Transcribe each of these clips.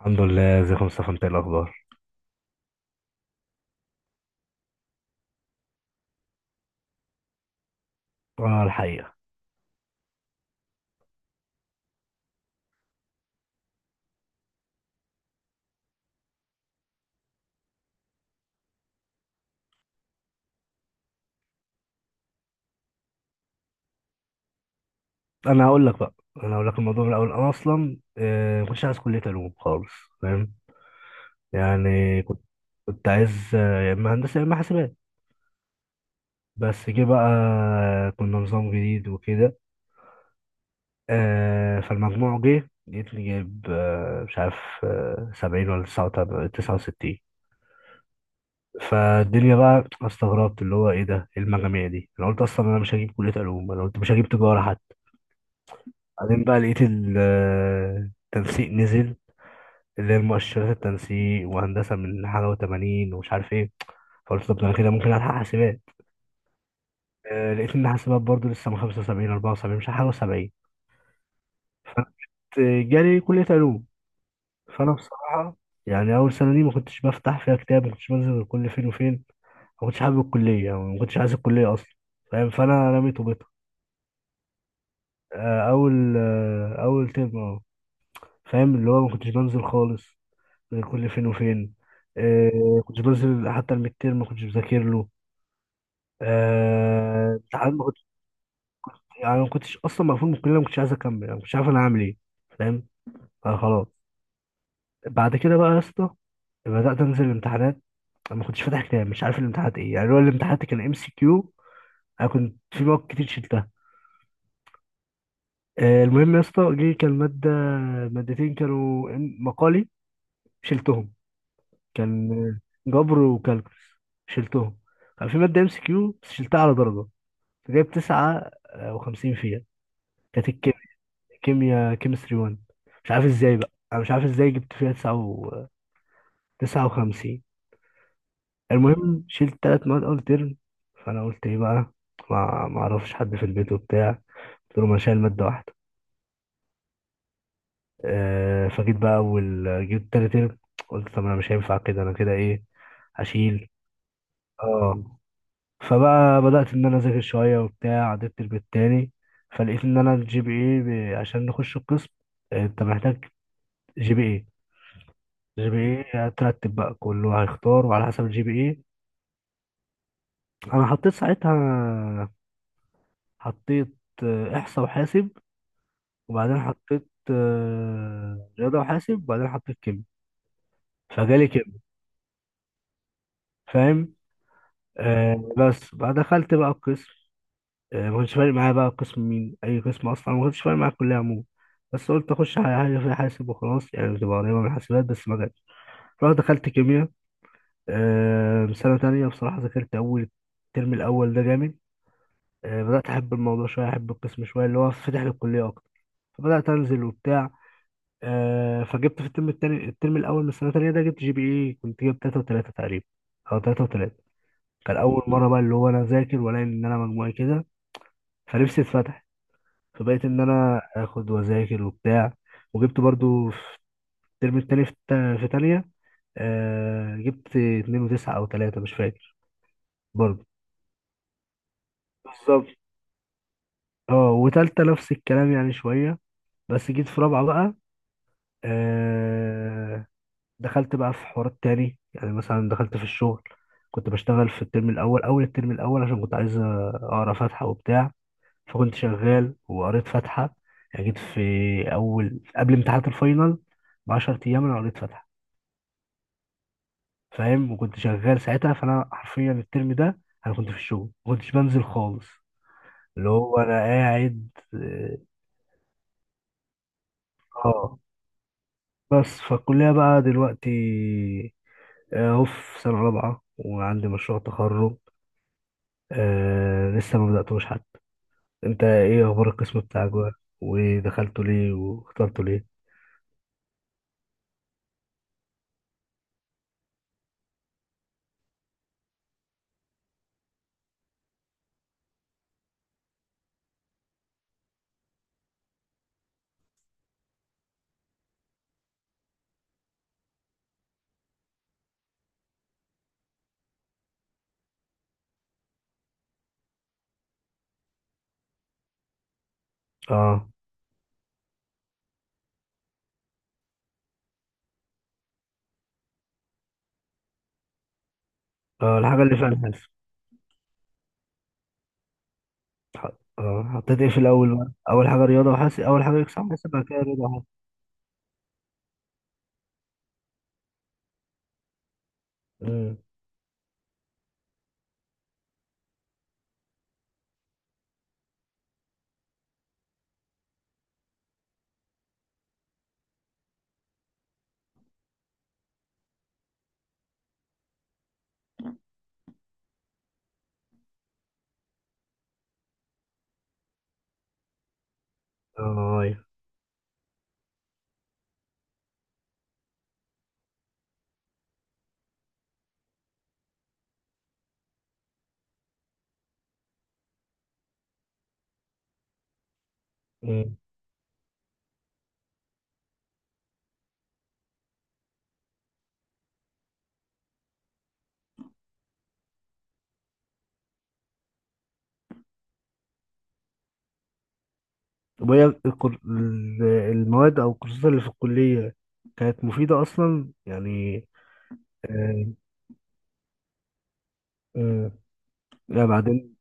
الحمد لله، ازيك يا مصطفى؟ انت ايه الاخبار؟ اه الحقيقه. انا هقول لك بقى انا هقول لك الموضوع من الاول. انا اصلا ما كنتش عايز كليه علوم خالص. فاهم؟ يعني كنت عايز يا اما هندسه يا اما حاسبات. بس جه بقى، كنا نظام جديد وكده. فالمجموع جه لقيتني جايب، مش عارف، 70 ولا 69. فالدنيا بقى استغربت، اللي هو ايه ده؟ ايه المجاميع دي؟ انا قلت اصلا انا مش هجيب كليه علوم، انا قلت مش هجيب تجاره. بعدين بقى لقيت التنسيق نزل، اللي هي المؤشرات، التنسيق وهندسة من حاجة و80 ومش عارف ايه. فقلت طب ده انا كده ممكن ألحق حاسبات. لقيت إن حاسبات برضه لسه من 75 74 مش عارف حاجة و70. فجالي كلية علوم. فأنا بصراحة يعني أول سنة دي ما كنتش بفتح فيها كتاب، ما كنتش بنزل غير كل فين وفين، ما كنتش حابب الكلية، يعني ما كنتش عايز الكلية أصلا. فاهم؟ فأنا رميت وبيتها. أول ترم، أه. فاهم، اللي هو ما كنتش بنزل خالص، كل فين وفين. كنت بنزل حتى الميد تيرم ما كنتش بذاكر له. ساعات ما كنتش. يعني ما كنتش اصلا مقفول من الكليه، ما كنتش عايز اكمل، يعني ما كنتش عارف انا هعمل ايه. فاهم؟ فخلاص. بعد كده بقى يا اسطى بدات انزل الامتحانات. انا ما كنتش فاتح كتاب، مش عارف الامتحانات ايه، يعني هو الامتحانات كان ام سي كيو. انا كنت في مواد كتير شلتها. المهم يا اسطى جه كان ماده، مادتين كانوا مقالي، شلتهم. كان جبر وكالكولس، شلتهم. كان في ماده ام سي كيو بس شلتها على درجه، جايب 9 وخمسين فيها. كانت الكيمياء، كيمياء كيمستري 1. مش عارف ازاي بقى، انا مش عارف ازاي جبت فيها 59. المهم شلت تلات مواد اول ترم. فانا قلت ايه بقى؟ ما اعرفش حد في البيت وبتاع، قلت له ما أنا شايل مادة واحدة. أه فجيت بقى اول جبت تاني ترم، قلت طب انا مش هينفع كده، انا كده ايه، هشيل. اه. فبقى بدأت ان انا اذاكر شوية وبتاع، عديت الترم التاني. فلقيت ان انا الجي بي اي عشان نخش القسم، انت محتاج جي بي ايه. جي بي ايه هترتب بقى، كله هيختار وعلى حسب الجي بي ايه. انا حطيت ساعتها، حطيت احصاء وحاسب، وبعدين حطيت رياضه وحاسب، وبعدين حطيت كيمياء. فجالي كيمياء. فاهم؟ بس بقى دخلت بقى القسم. ما كنتش فارق معايا بقى قسم مين، اي قسم، اصلا ما كنتش فارق معايا الكليه عموما. بس قلت اخش حاجه، حاجة فيها حاسب وخلاص، يعني بتبقى قريبه من الحاسبات، بس ما جاتش. رحت دخلت كيمياء. سنه تانية بصراحه ذاكرت. اول الترم الاول ده جامد. بدأت أحب الموضوع شوية، أحب القسم شوية، اللي هو فاتح للكلية أكتر. فبدأت أنزل وبتاع. فجبت في الترم التاني، الترم الأول من السنة التانية ده، جبت جي بي إيه، كنت جايب 3.3 تقريبا، أو 3.3. كان أول مرة بقى اللي هو أنا أذاكر وألاقي إن أنا مجموعي كده. فنفسي اتفتح. فبقيت إن أنا آخد وأذاكر وبتاع. وجبت برضو في الترم التاني، في تانية، جبت 2.9 أو تلاتة، مش فاكر. برضو بالظبط. اه، وتالتة نفس الكلام يعني شوية. بس جيت في رابعة بقى، آه دخلت بقى في حوارات تاني، يعني مثلا دخلت في الشغل. كنت بشتغل في الترم الأول، أول الترم الأول، عشان كنت عايز أقرأ فاتحة وبتاع. فكنت شغال وقريت فاتحة. يعني جيت في أول، قبل امتحانات الفاينل بـ10 أيام، أنا قريت فاتحة. فاهم؟ وكنت شغال ساعتها، فأنا حرفيا الترم ده أنا كنت في الشغل، ما كنتش بنزل خالص. اللي هو أنا قاعد آه. بس فالكلية بقى دلوقتي، أهو في سنة رابعة وعندي مشروع تخرج، لسه ما بدأتوش حتى. أنت إيه أخبار القسم بتاعك بقى؟ ودخلته ليه واخترته ليه؟ اه. اه الحاجة اللي فعلا حاسب. اه حطيت ايه في الأول بقى؟ أول حاجة رياضة وحاسب، أول حاجة إكسام حاسب، بعد كده رياضة وحاسب. أمم. اه أيوه. أمم. طب وهي المواد أو الكورسات اللي في الكلية كانت مفيدة أصلا يعني؟ آه. آه. لا بعدين.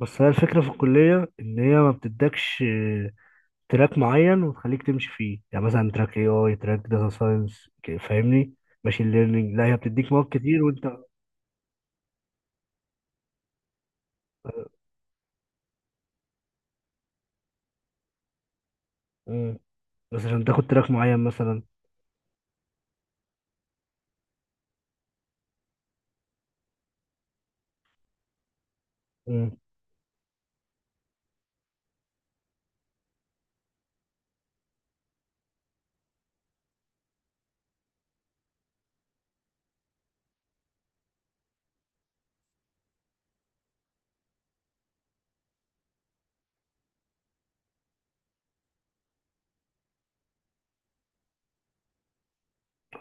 بس هي الفكرة في الكلية إن هي ما بتدكش تراك معين وتخليك تمشي فيه، يعني مثلا تراك اي اي، تراك داتا ساينس، فاهمني، ماشين ليرنينج. لا هي بتديك مواد كتير وانت. مم. بس عشان تاخد تراك معين مثلا. مم.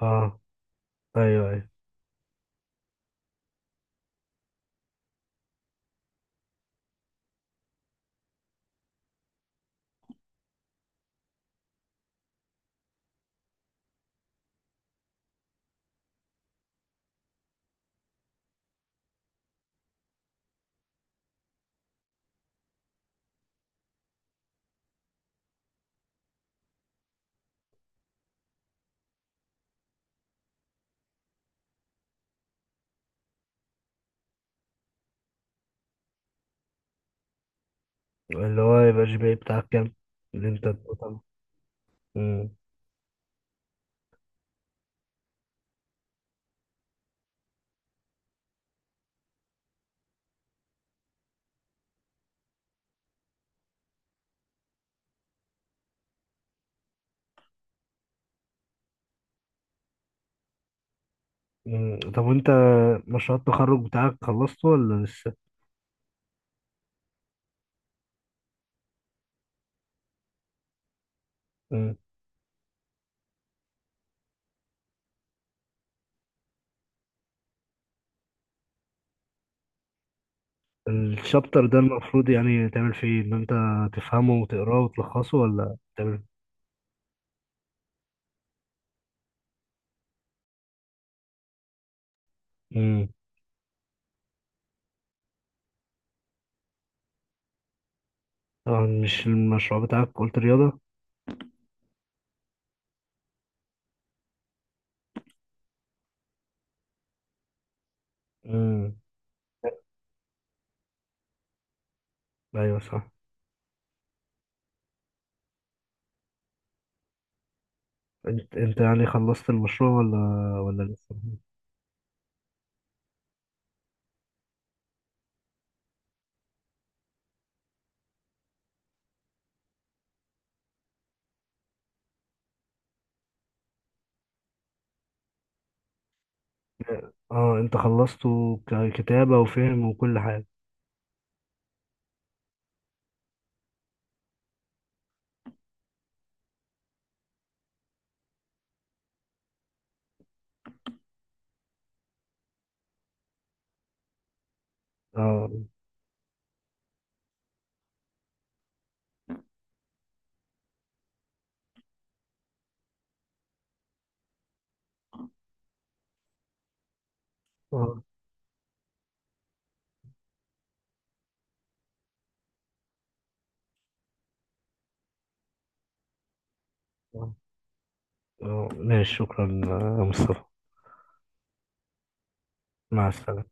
اه ايوه ايوه. اللي هو يبقى الجي بي اي بتاعك كام اللي انت؟ طب. مم. مم. طب وانت مشروع التخرج بتاعك خلصته ولا لسه؟ مم. الشابتر ده المفروض يعني تعمل فيه ايه؟ ان انت تفهمه وتقراه وتلخصه ولا تعمل؟ مم. طبعا مش المشروع بتاعك قلت رياضة؟ مم. ايوه صح. انت، انت يعني خلصت المشروع ولا ولا لسه؟ اه انت خلصته ككتابة وفهم وكل حاجة؟ اه. اه. اه. ماشي، شكرا يا مصطفى. مع السلامة.